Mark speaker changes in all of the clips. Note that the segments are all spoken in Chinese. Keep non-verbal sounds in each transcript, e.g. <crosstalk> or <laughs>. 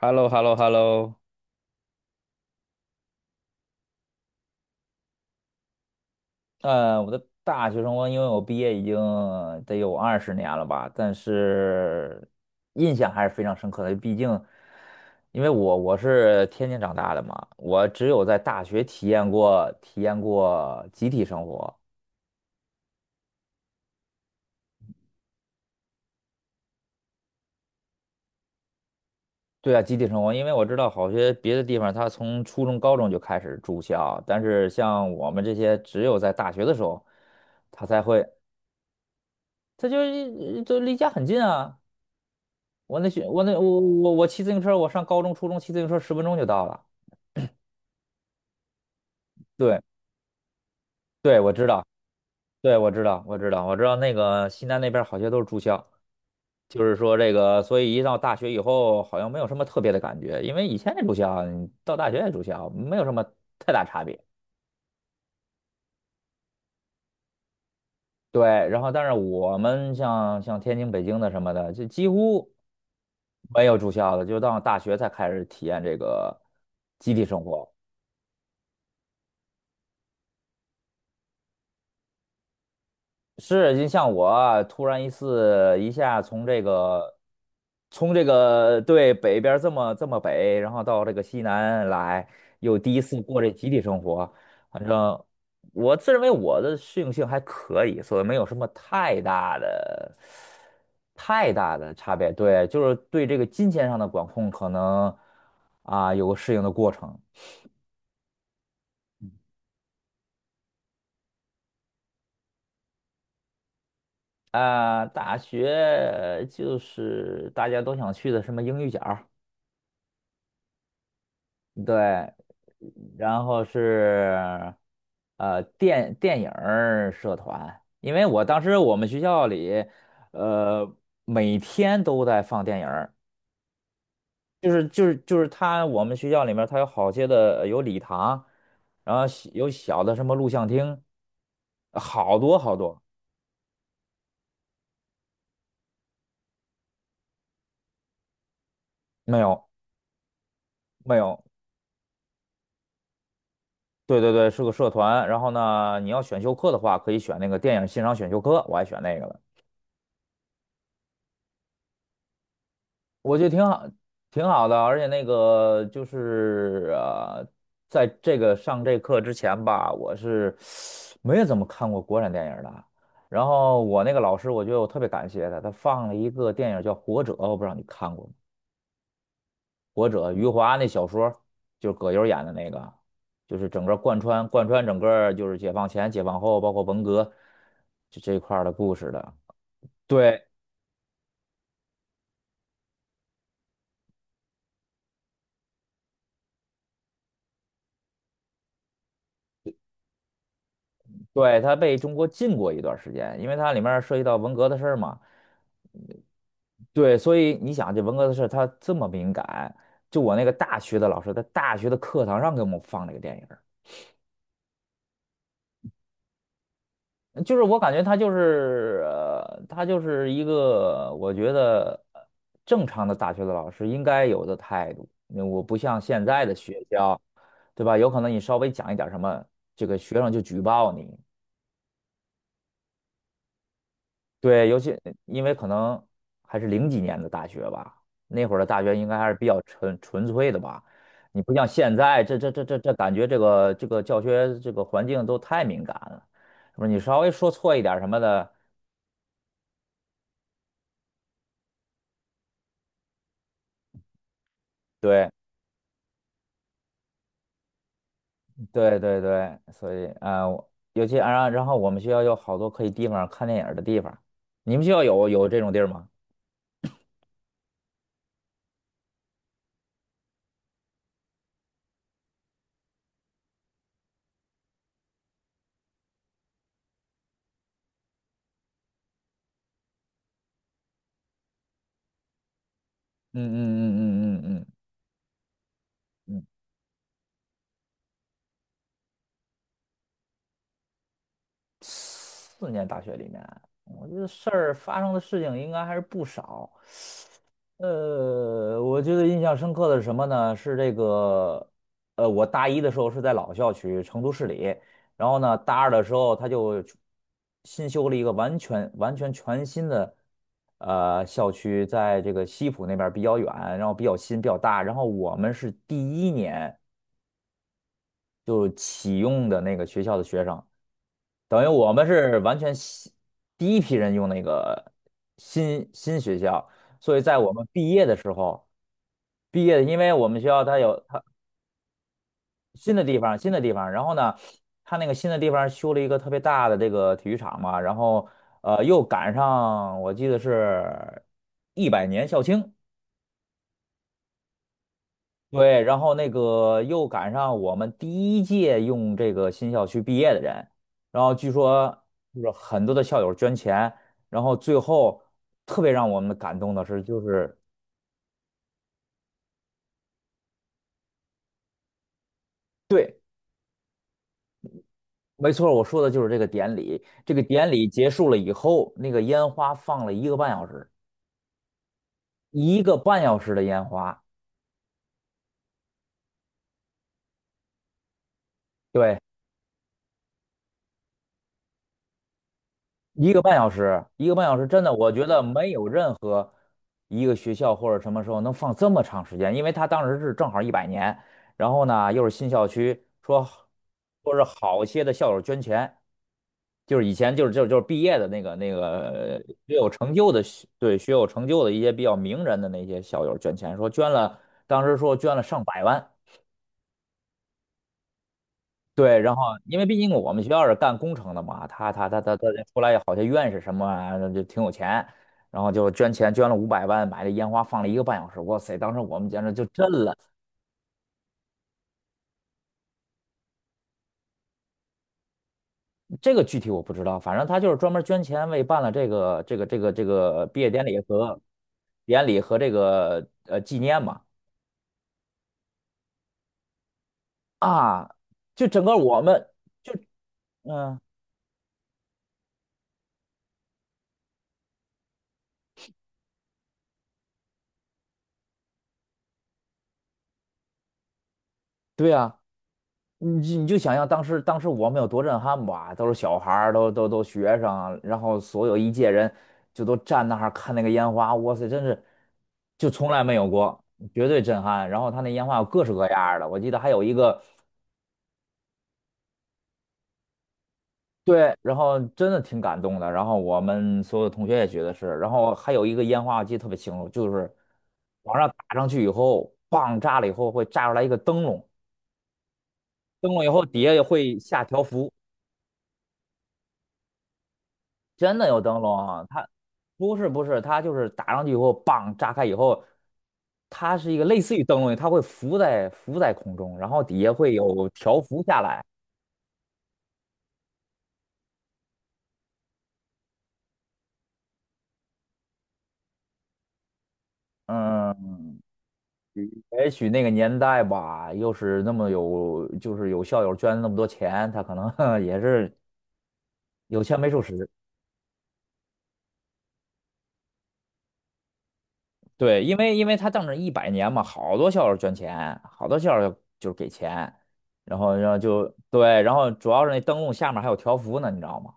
Speaker 1: h e l l o h e l l o h e l l o。 我的大学生活，因为我毕业已经得有20年了吧，但是印象还是非常深刻的。毕竟，因为我是天津长大的嘛，我只有在大学体验过集体生活。对啊，集体生活，因为我知道好些别的地方，他从初中、高中就开始住校，但是像我们这些，只有在大学的时候，他才会，他就离家很近啊。我那学我那我我我骑自行车，我上高中、初中骑自行车10分钟就到了。对对，我知道，对，我知道，我知道，我知道那个西南那边好些都是住校，就是说这个，所以一到大学以后，好像没有什么特别的感觉，因为以前也住校，你到大学也住校，没有什么太大差别。对，然后但是我们像天津、北京的什么的，就几乎没有住校的，就到大学才开始体验这个集体生活。是，就像我啊突然一次一下从这个，从这个北边儿这么北，然后到这个西南来，又第一次过这集体生活，反正我自认为我的适应性还可以，所以没有什么太大的差别。对，就是对这个金钱上的管控可能啊有个适应的过程啊。大学就是大家都想去的什么英语角。对，然后是电影儿社团，因为我当时我们学校里，呃每天都在放电影儿，就是我们学校里面他有好些的有礼堂，然后有小的什么录像厅，好多好多，没有没有，对对对，是个社团，然后呢你要选修课的话可以选那个电影欣赏选修课，我还选那个了。我觉得挺好，挺好的，而且那个就是在这个上这课之前吧，我是没有怎么看过国产电影的。然后我那个老师，我觉得我特别感谢他，他放了一个电影叫《活着》，我不知道你看过吗？《活着》，余华那小说，就是葛优演的那个，就是整个贯穿整个就是解放前、解放后，包括文革就这一块儿的故事的。对对，他被中国禁过一段时间，因为它里面涉及到文革的事儿嘛。对，所以你想，这文革的事儿他这么敏感，就我那个大学的老师，在大学的课堂上给我们放这个电影儿。就是我感觉他就是，他就是一个我觉得正常的大学的老师应该有的态度。那我不像现在的学校，对吧？有可能你稍微讲一点儿什么，这个学生就举报你，对，尤其因为可能还是零几年的大学吧，那会儿的大学应该还是比较纯纯粹的吧。你不像现在，这感觉这个教学这个环境都太敏感了，是不是？你稍微说错一点儿什么的，对对对对，所以啊、尤其啊，然后我们学校有好多可以地方看电影儿的地方，你们学校有有这种地儿吗？嗯嗯嗯嗯嗯嗯嗯。4年大学里面，我觉得事儿发生的事情应该还是不少。我觉得印象深刻的是什么呢？是这个，我大一的时候是在老校区，成都市里，然后呢，大二的时候他就新修了一个完全全新的校区，在这个西浦那边儿比较远，然后比较新比较大，然后我们是第一年就启用的那个学校的学生，等于我们是完全新第一批人用那个新学校，所以在我们毕业的时候。毕业的，因为我们学校它有它新的地方，新的地方，然后呢，它那个新的地方修了一个特别大的这个体育场嘛，然后又赶上我记得是一百年校庆，对，然后那个又赶上我们第一届用这个新校区毕业的人，然后据说就是很多的校友捐钱，然后最后特别让我们感动的是，就是。对。没错，我说的就是这个典礼。这个典礼结束了以后，那个烟花放了一个半小时，一个半小时的烟花。对，一个半小时，一个半小时，真的，我觉得没有任何一个学校或者什么时候能放这么长时间，因为他当时是正好一百年，然后呢又是新校区，说是好些的校友捐钱，就是以前毕业的那个学有成就的一些比较名人的那些校友捐钱，说捐了，当时说捐了上百万。对，然后因为毕竟我们学校是干工程的嘛，他出来好像院士什么啊就挺有钱，然后就捐了500万买了烟花放了一个半小时，哇塞，当时我们简直就震了。这个具体我不知道，反正他就是专门捐钱为办了这个毕业典礼和这个纪念嘛啊，就整个我们就嗯、对呀、你就想象当时我们有多震撼吧，都是小孩儿，都学生，然后所有一届人就都站那儿看那个烟花，哇塞，真是就从来没有过，绝对震撼。然后他那烟花有各式各样儿的，我记得还有一个对，然后真的挺感动的。然后我们所有同学也觉得是，然后还有一个烟花我记得特别清楚，就是往上打上去以后，棒炸了以后会炸出来一个灯笼，灯笼以后底下也会下条幅。真的有灯笼啊，它不是，它就是打上去以后，棒炸开以后，它是一个类似于灯笼，它会浮在空中，然后底下会有条幅下来。嗯，也许那个年代吧，又是那么有，就是有校友捐那么多钱，他可能 <laughs> 也是有钱没处使。对，因为他当着一百年嘛，好多校友捐钱，好多校友就是给钱，然后就对，然后主要是那灯笼下面还有条幅呢，你知道吗？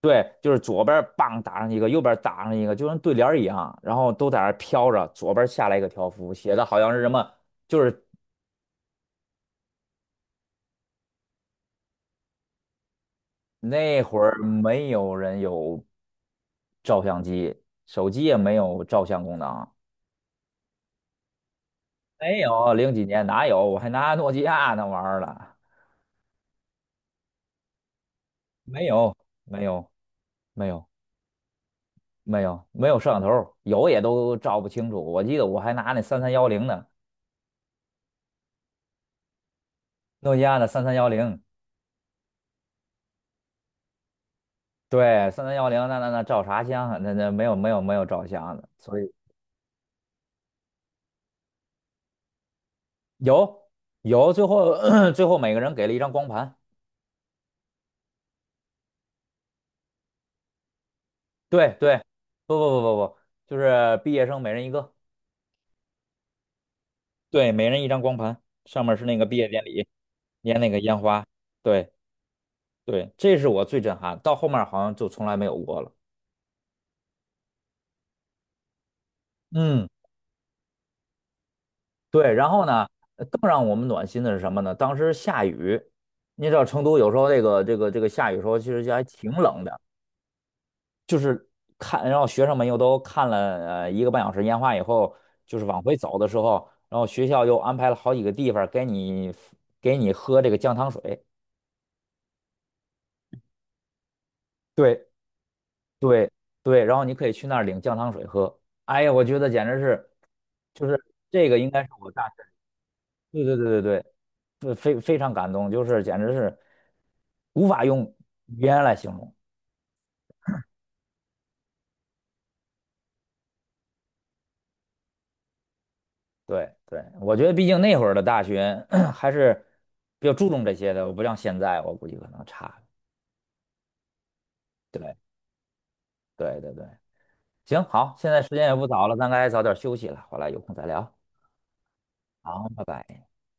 Speaker 1: 对，就是左边儿棒打上一个，右边儿打上一个，就跟对联儿一样，然后都在那儿飘着。左边儿下来一个条幅，写的好像是什么，就是那会儿没有人有照相机，手机也没有照相功能，没有，零几年哪有？我还拿诺基亚那玩意儿了，没有，没有，没有，没有，没有摄像头，有也都照不清楚。我记得我还拿那三三幺零呢，诺基亚的三三幺零。对，三三幺零，那那那照啥相啊？那那没有没有没有照相的，所以有有，最后 <clears throat> 最后每个人给了一张光盘。对对，不不不不不，就是毕业生每人一个，对，每人一张光盘，上面是那个毕业典礼，连那个烟花。对对，这是我最震撼，到后面好像就从来没有过了。嗯，对，然后呢，呃更让我们暖心的是什么呢？当时下雨，你知道成都有时候这个下雨时候其实就还挺冷的。是看，然后学生们又都看了一个半小时烟花以后，就是往回走的时候，然后学校又安排了好几个地方给你给你喝这个姜糖水，对对对，然后你可以去那儿领姜糖水喝。哎呀，我觉得简直是，就是这个应该是我大学，对对对对对，非常感动，就是简直是无法用语言来形容。对对，我觉得毕竟那会儿的大学 <clears throat> 还是比较注重这些的，我不像现在，我估计可能差。对对对对，行，好，现在时间也不早了，咱该早点休息了，回来有空再聊。好，拜拜。